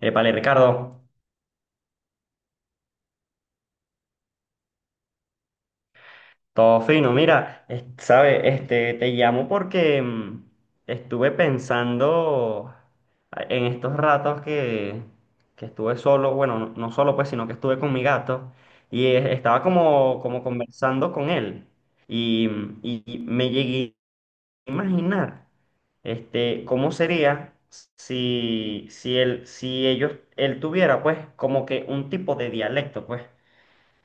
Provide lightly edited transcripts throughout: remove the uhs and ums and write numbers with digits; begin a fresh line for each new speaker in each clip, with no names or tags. Épale, Ricardo, todo fino. Mira, este, te llamo porque estuve pensando en estos ratos que estuve solo, bueno, no, no solo pues, sino que estuve con mi gato y estaba como conversando con él y y me llegué a imaginar, este, cómo sería si él, si ellos, él tuviera pues como que un tipo de dialecto, pues.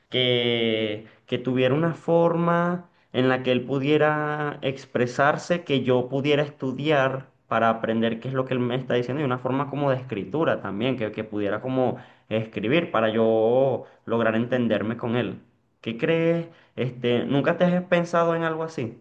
Que tuviera una forma en la que él pudiera expresarse, que yo pudiera estudiar para aprender qué es lo que él me está diciendo y una forma como de escritura también, que pudiera como escribir para yo lograr entenderme con él. ¿Qué crees? Este, ¿nunca te has pensado en algo así?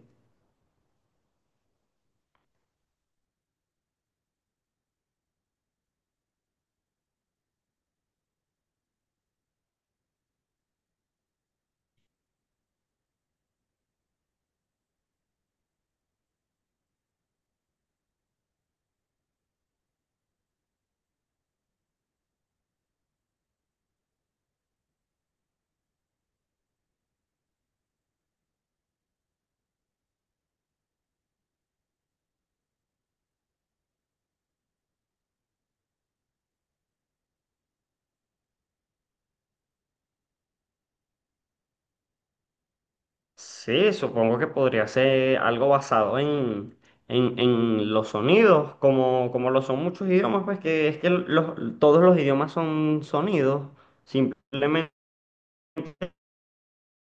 Sí, supongo que podría ser algo basado en los sonidos, como, como lo son muchos idiomas, pues que es que los, todos los idiomas son sonidos, simplemente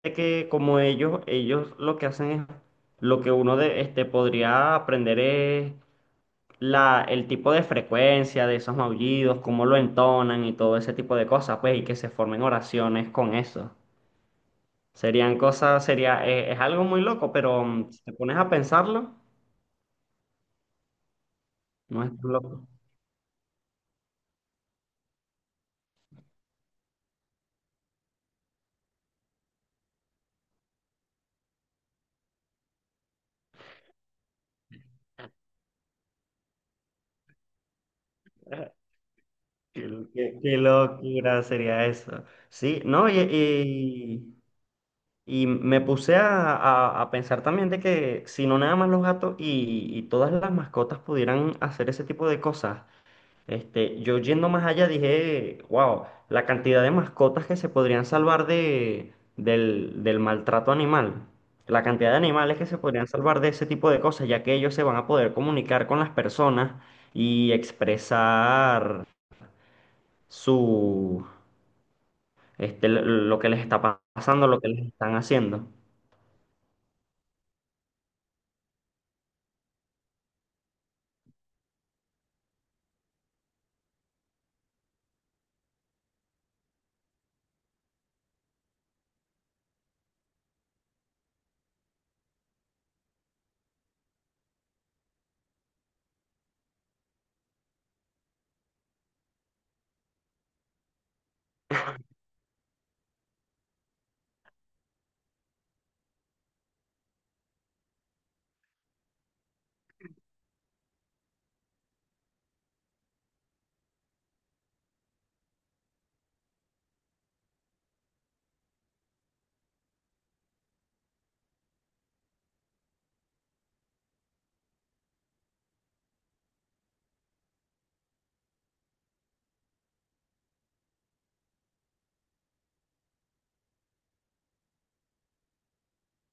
que como ellos lo que hacen es, lo que uno de, este, podría aprender es la, el tipo de frecuencia de esos maullidos, cómo lo entonan y todo ese tipo de cosas, pues, y que se formen oraciones con eso. Serían cosas, sería, es algo muy loco, pero si te pones a pensarlo. No es tan loco. Qué, qué locura sería eso. Sí, no, y me puse a pensar también de que si no nada más los gatos y todas las mascotas pudieran hacer ese tipo de cosas, este, yo yendo más allá dije, wow, la cantidad de mascotas que se podrían salvar del maltrato animal, la cantidad de animales que se podrían salvar de ese tipo de cosas, ya que ellos se van a poder comunicar con las personas y expresar su, este, lo que les está pasando, lo que les están haciendo.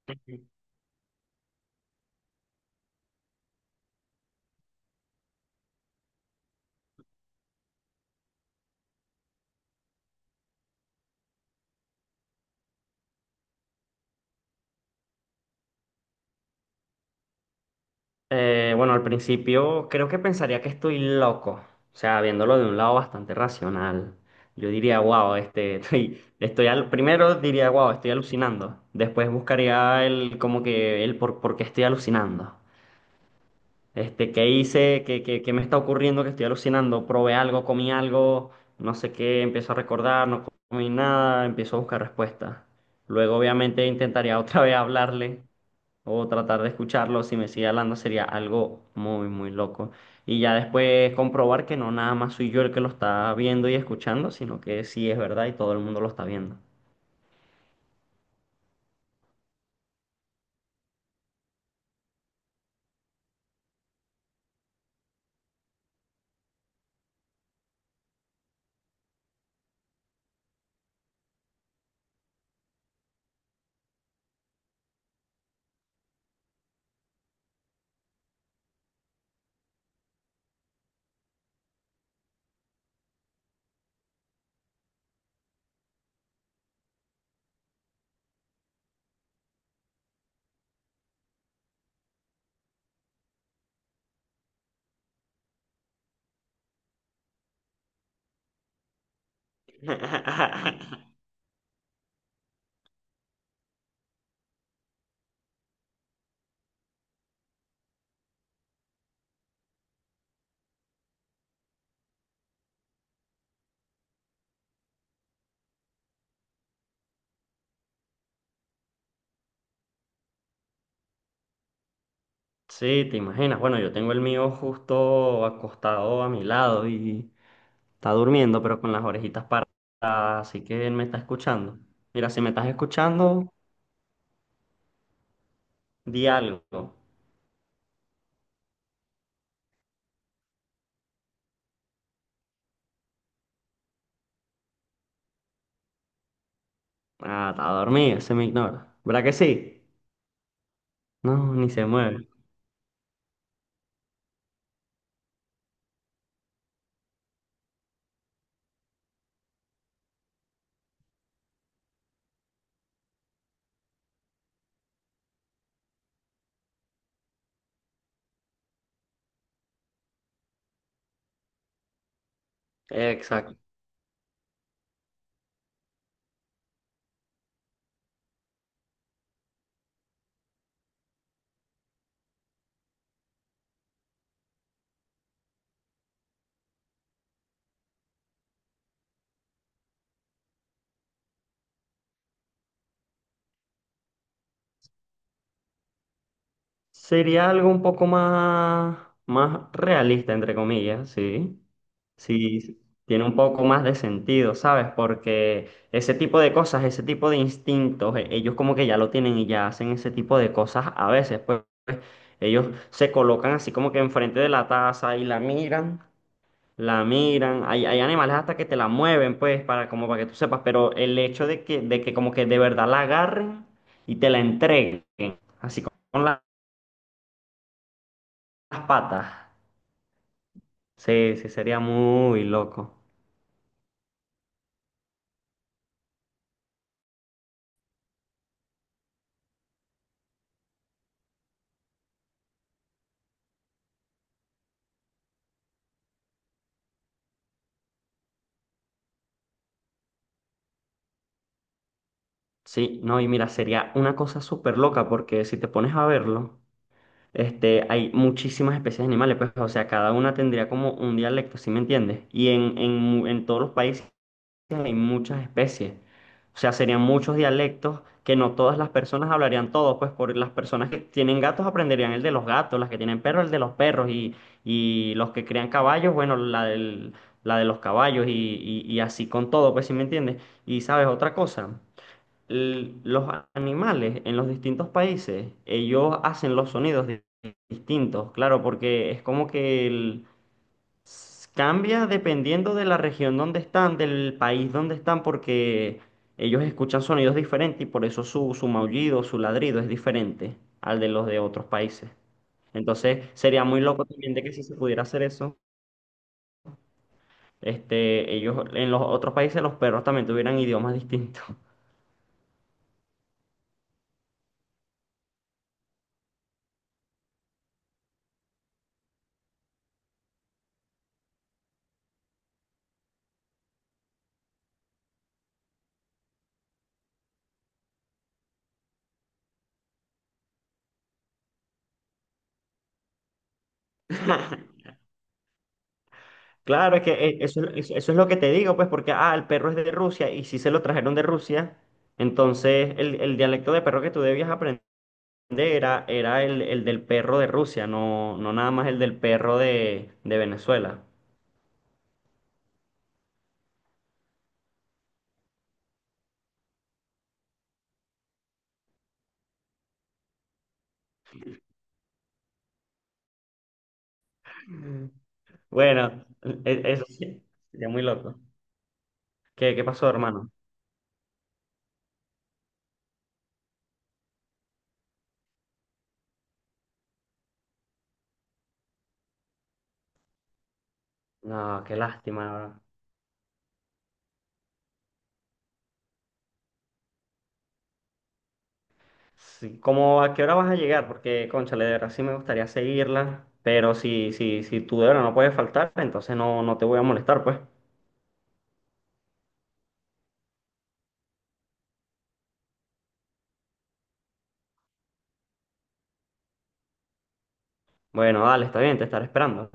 Ujú. Bueno, al principio creo que pensaría que estoy loco, o sea, viéndolo de un lado bastante racional. Yo diría, wow, este, primero diría, wow, estoy alucinando. Después buscaría el, como que el por qué estoy alucinando. Este, ¿qué hice? ¿Qué, qué me está ocurriendo? Que estoy alucinando. Probé algo, comí algo, no sé qué, empiezo a recordar, no comí nada, empiezo a buscar respuestas. Luego, obviamente, intentaría otra vez hablarle o tratar de escucharlo. Si me sigue hablando, sería algo muy, muy loco. Y ya después comprobar que no nada más soy yo el que lo está viendo y escuchando, sino que sí es verdad y todo el mundo lo está viendo. Sí, te imaginas. Bueno, yo tengo el mío justo acostado a mi lado y está durmiendo, pero con las orejitas paradas, así que él me está escuchando. Mira, si me estás escuchando, di algo. Ah, está dormido, se me ignora. ¿Verdad que sí? No, ni se mueve. Exacto. Sería algo un poco más, más realista, entre comillas, ¿sí? Sí, tiene un poco más de sentido, ¿sabes? Porque ese tipo de cosas, ese tipo de instintos, ellos como que ya lo tienen y ya hacen ese tipo de cosas a veces, pues. Ellos se colocan así como que enfrente de la taza y la miran. Hay animales hasta que te la mueven, pues, para, como para que tú sepas, pero el hecho de de que como que de verdad la agarren y te la entreguen, así con, las patas, sí, sí, sería muy loco. Sí, no, y mira, sería una cosa súper loca porque si te pones a verlo, este, hay muchísimas especies de animales, pues, o sea, cada una tendría como un dialecto, ¿sí me entiendes? Y en todos los países hay muchas especies. O sea, serían muchos dialectos que no todas las personas hablarían todos, pues por las personas que tienen gatos aprenderían el de los gatos, las que tienen perros el de los perros y los que crean caballos, bueno, la de los caballos y, y así con todo, pues si me entiendes. Y sabes otra cosa, los animales en los distintos países, ellos hacen los sonidos distintos, claro, porque es como que cambia dependiendo de la región donde están, del país donde están, porque ellos escuchan sonidos diferentes y por eso su, su maullido, su ladrido es diferente al de los de otros países. Entonces sería muy loco también de que si se pudiera hacer eso, este, ellos en los otros países los perros también tuvieran idiomas distintos. Claro, es que eso, eso es lo que te digo, pues, porque, ah, el perro es de Rusia y si se lo trajeron de Rusia, entonces el dialecto de perro que tú debías aprender era el del perro de Rusia, no, no nada más el del perro de Venezuela. Mm. Bueno, eso sí, sería muy loco. ¿Qué, pasó, hermano? No, qué lástima. Sí, ¿cómo a qué hora vas a llegar? Porque, cónchale, de verdad sí me gustaría seguirla, pero si tú de verdad no puedes faltar, entonces no, no te voy a molestar, pues. Bueno, dale, está bien, te estaré esperando.